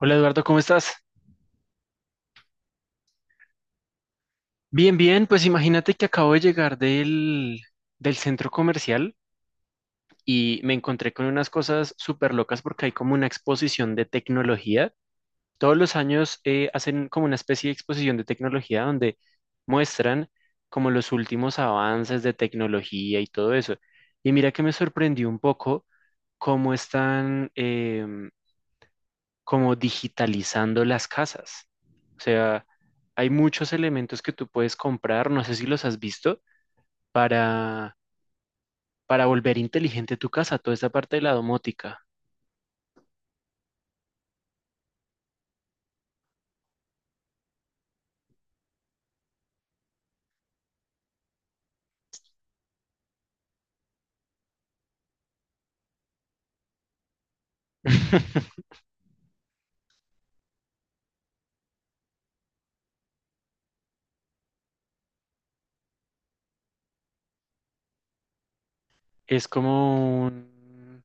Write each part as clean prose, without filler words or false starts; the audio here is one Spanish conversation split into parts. Hola Eduardo, ¿cómo estás? Bien, bien, pues imagínate que acabo de llegar del centro comercial y me encontré con unas cosas súper locas porque hay como una exposición de tecnología. Todos los años hacen como una especie de exposición de tecnología donde muestran como los últimos avances de tecnología y todo eso. Y mira que me sorprendió un poco cómo están, como digitalizando las casas. O sea, hay muchos elementos que tú puedes comprar, no sé si los has visto, para, para volver inteligente tu casa, toda esta parte de la domótica. Es como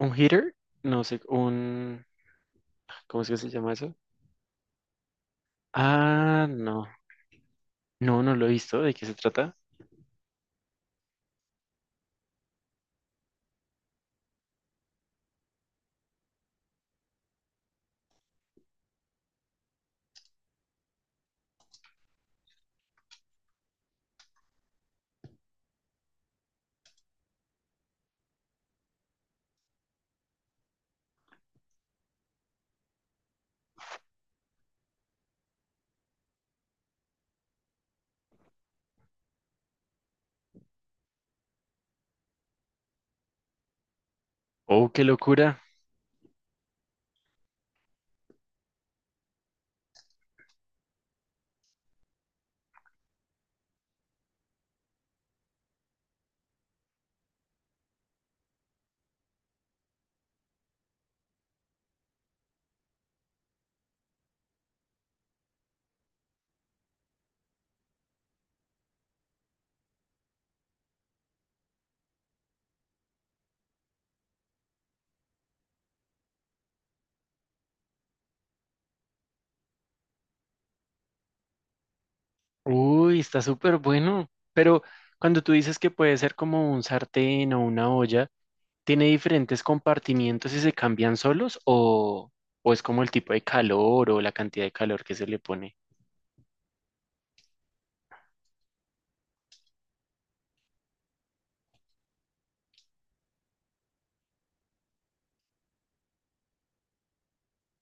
un heater, no sé, un, ¿cómo es que se llama eso? Ah, no, no, no lo he visto, ¿de qué se trata? Oh, qué locura. Uy, está súper bueno. Pero cuando tú dices que puede ser como un sartén o una olla, ¿tiene diferentes compartimientos y se cambian solos o es como el tipo de calor o la cantidad de calor que se le pone?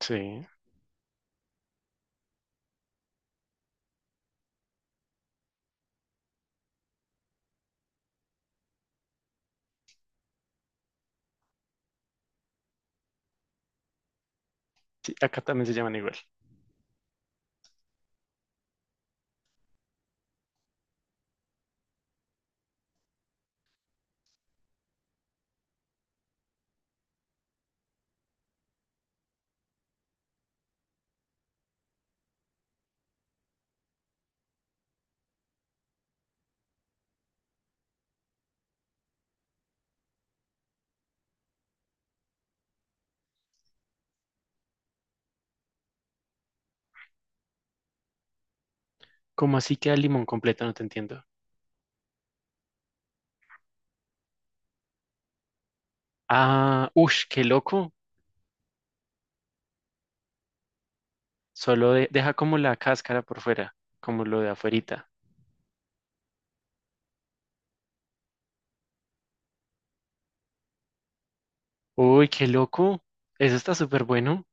Sí, sí, acá también se llaman igual. ¿Cómo así queda el limón completo? No te entiendo. Ah, ush, qué loco. Solo deja como la cáscara por fuera, como lo de afuerita. Uy, qué loco. Eso está súper bueno.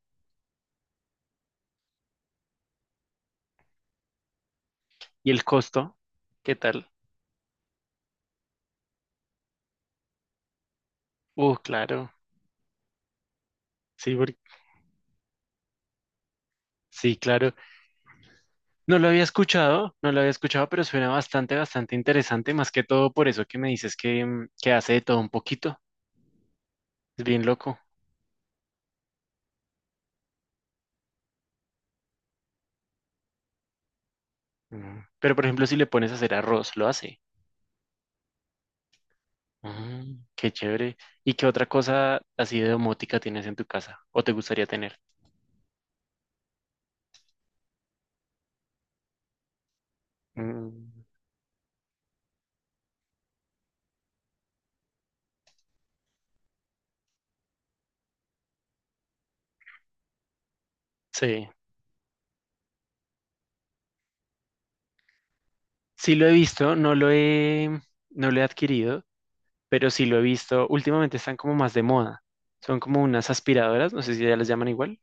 ¿Y el costo? ¿Qué tal? Claro. Sí, sí, claro. No lo había escuchado, no lo había escuchado, pero suena bastante, bastante interesante, más que todo por eso que me dices que, mm, que hace de todo un poquito. Es bien loco. Mm. Pero por ejemplo, si le pones a hacer arroz, lo hace. Mm, qué chévere. ¿Y qué otra cosa así de domótica tienes en tu casa o te gustaría tener? Mm, sí, sí lo he visto, no lo he adquirido, pero sí lo he visto. Últimamente están como más de moda. Son como unas aspiradoras, no sé si ya las llaman igual.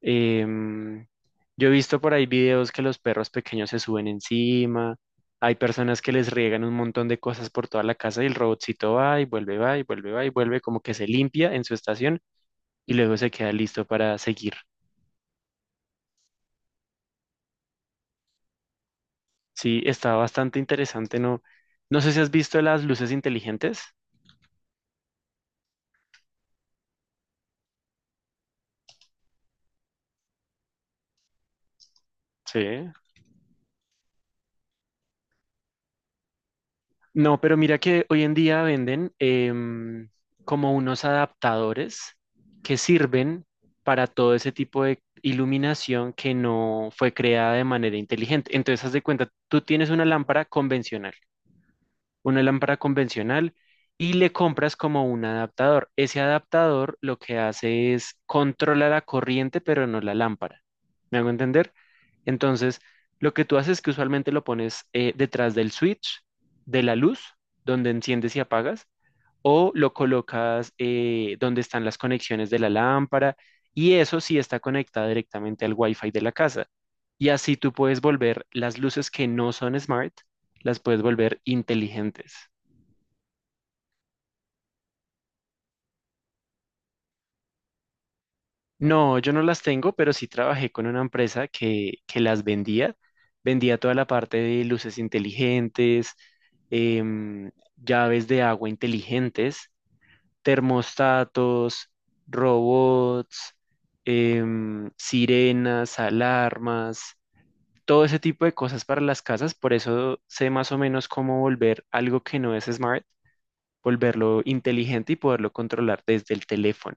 Em, yo he visto por ahí videos que los perros pequeños se suben encima, hay personas que les riegan un montón de cosas por toda la casa y el robotcito va y vuelve, va y vuelve, va y vuelve, como que se limpia en su estación y luego se queda listo para seguir. Sí, está bastante interesante, ¿no? No sé si has visto las luces inteligentes. Sí. No, pero mira que hoy en día venden como unos adaptadores que sirven para todo ese tipo de iluminación que no fue creada de manera inteligente. Entonces, haz de cuenta, tú tienes una lámpara convencional y le compras como un adaptador. Ese adaptador lo que hace es controla la corriente, pero no la lámpara. ¿Me hago entender? Entonces, lo que tú haces es que usualmente lo pones detrás del switch de la luz, donde enciendes y apagas, o lo colocas donde están las conexiones de la lámpara, y eso sí está conectado directamente al Wi-Fi de la casa. Y así tú puedes volver las luces que no son smart las puedes volver inteligentes. No, yo no las tengo, pero sí trabajé con una empresa que las vendía. Vendía toda la parte de luces inteligentes, em, llaves de agua inteligentes, termostatos, robots, sirenas, alarmas, todo ese tipo de cosas para las casas. Por eso sé más o menos cómo volver algo que no es smart, volverlo inteligente y poderlo controlar desde el teléfono.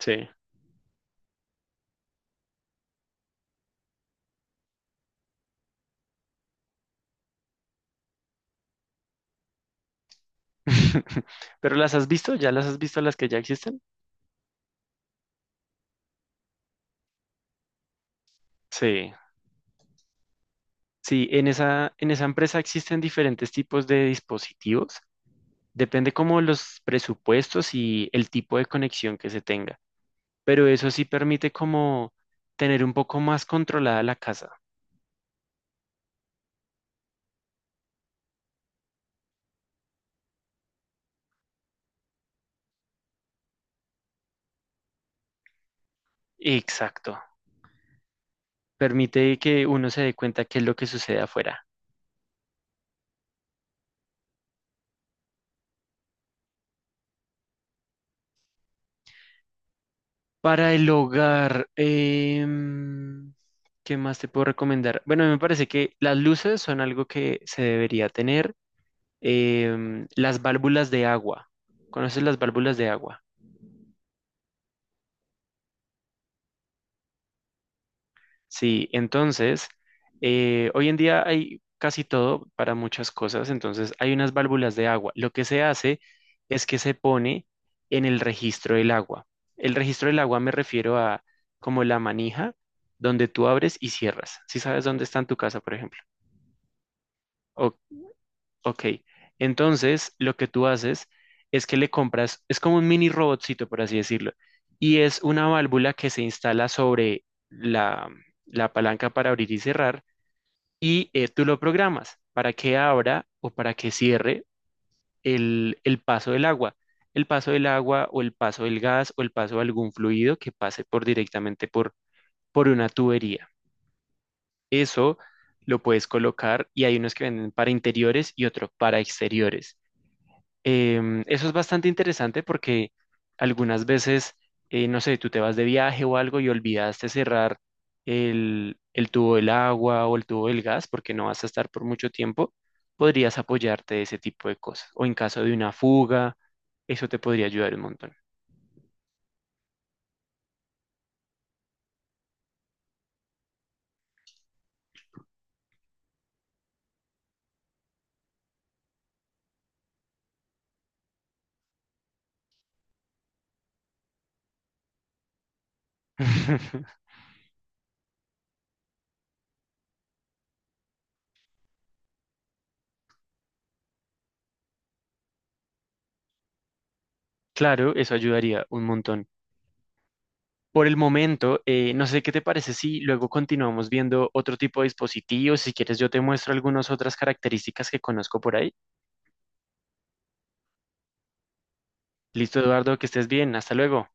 Sí. ¿Pero las has visto? ¿Ya las has visto las que ya existen? Sí. Sí, en esa empresa existen diferentes tipos de dispositivos. Depende como los presupuestos y el tipo de conexión que se tenga. Pero eso sí permite como tener un poco más controlada la casa. Exacto. Permite que uno se dé cuenta qué es lo que sucede afuera. Para el hogar, ¿qué más te puedo recomendar? Bueno, me parece que las luces son algo que se debería tener. Em, las válvulas de agua. ¿Conoces las válvulas de agua? Sí, entonces, hoy en día hay casi todo para muchas cosas, entonces hay unas válvulas de agua. Lo que se hace es que se pone en el registro del agua. El registro del agua me refiero a como la manija donde tú abres y cierras. Si sabes dónde está en tu casa, por ejemplo. Ok. Ok, entonces lo que tú haces es que le compras, es como un mini robotcito, por así decirlo, y es una válvula que se instala sobre la palanca para abrir y cerrar, y tú lo programas para que abra o para que cierre el paso del agua, el paso del agua o el paso del gas o el paso de algún fluido que pase por directamente por una tubería. Eso lo puedes colocar y hay unos que venden para interiores y otros para exteriores. Eso es bastante interesante porque algunas veces, no sé, tú te vas de viaje o algo y olvidaste cerrar el tubo del agua o el tubo del gas porque no vas a estar por mucho tiempo, podrías apoyarte de ese tipo de cosas. O en caso de una fuga, eso te podría ayudar un montón. Claro, eso ayudaría un montón. Por el momento, no sé qué te parece si luego continuamos viendo otro tipo de dispositivos. Si quieres, yo te muestro algunas otras características que conozco por ahí. Listo, Eduardo, que estés bien. Hasta luego.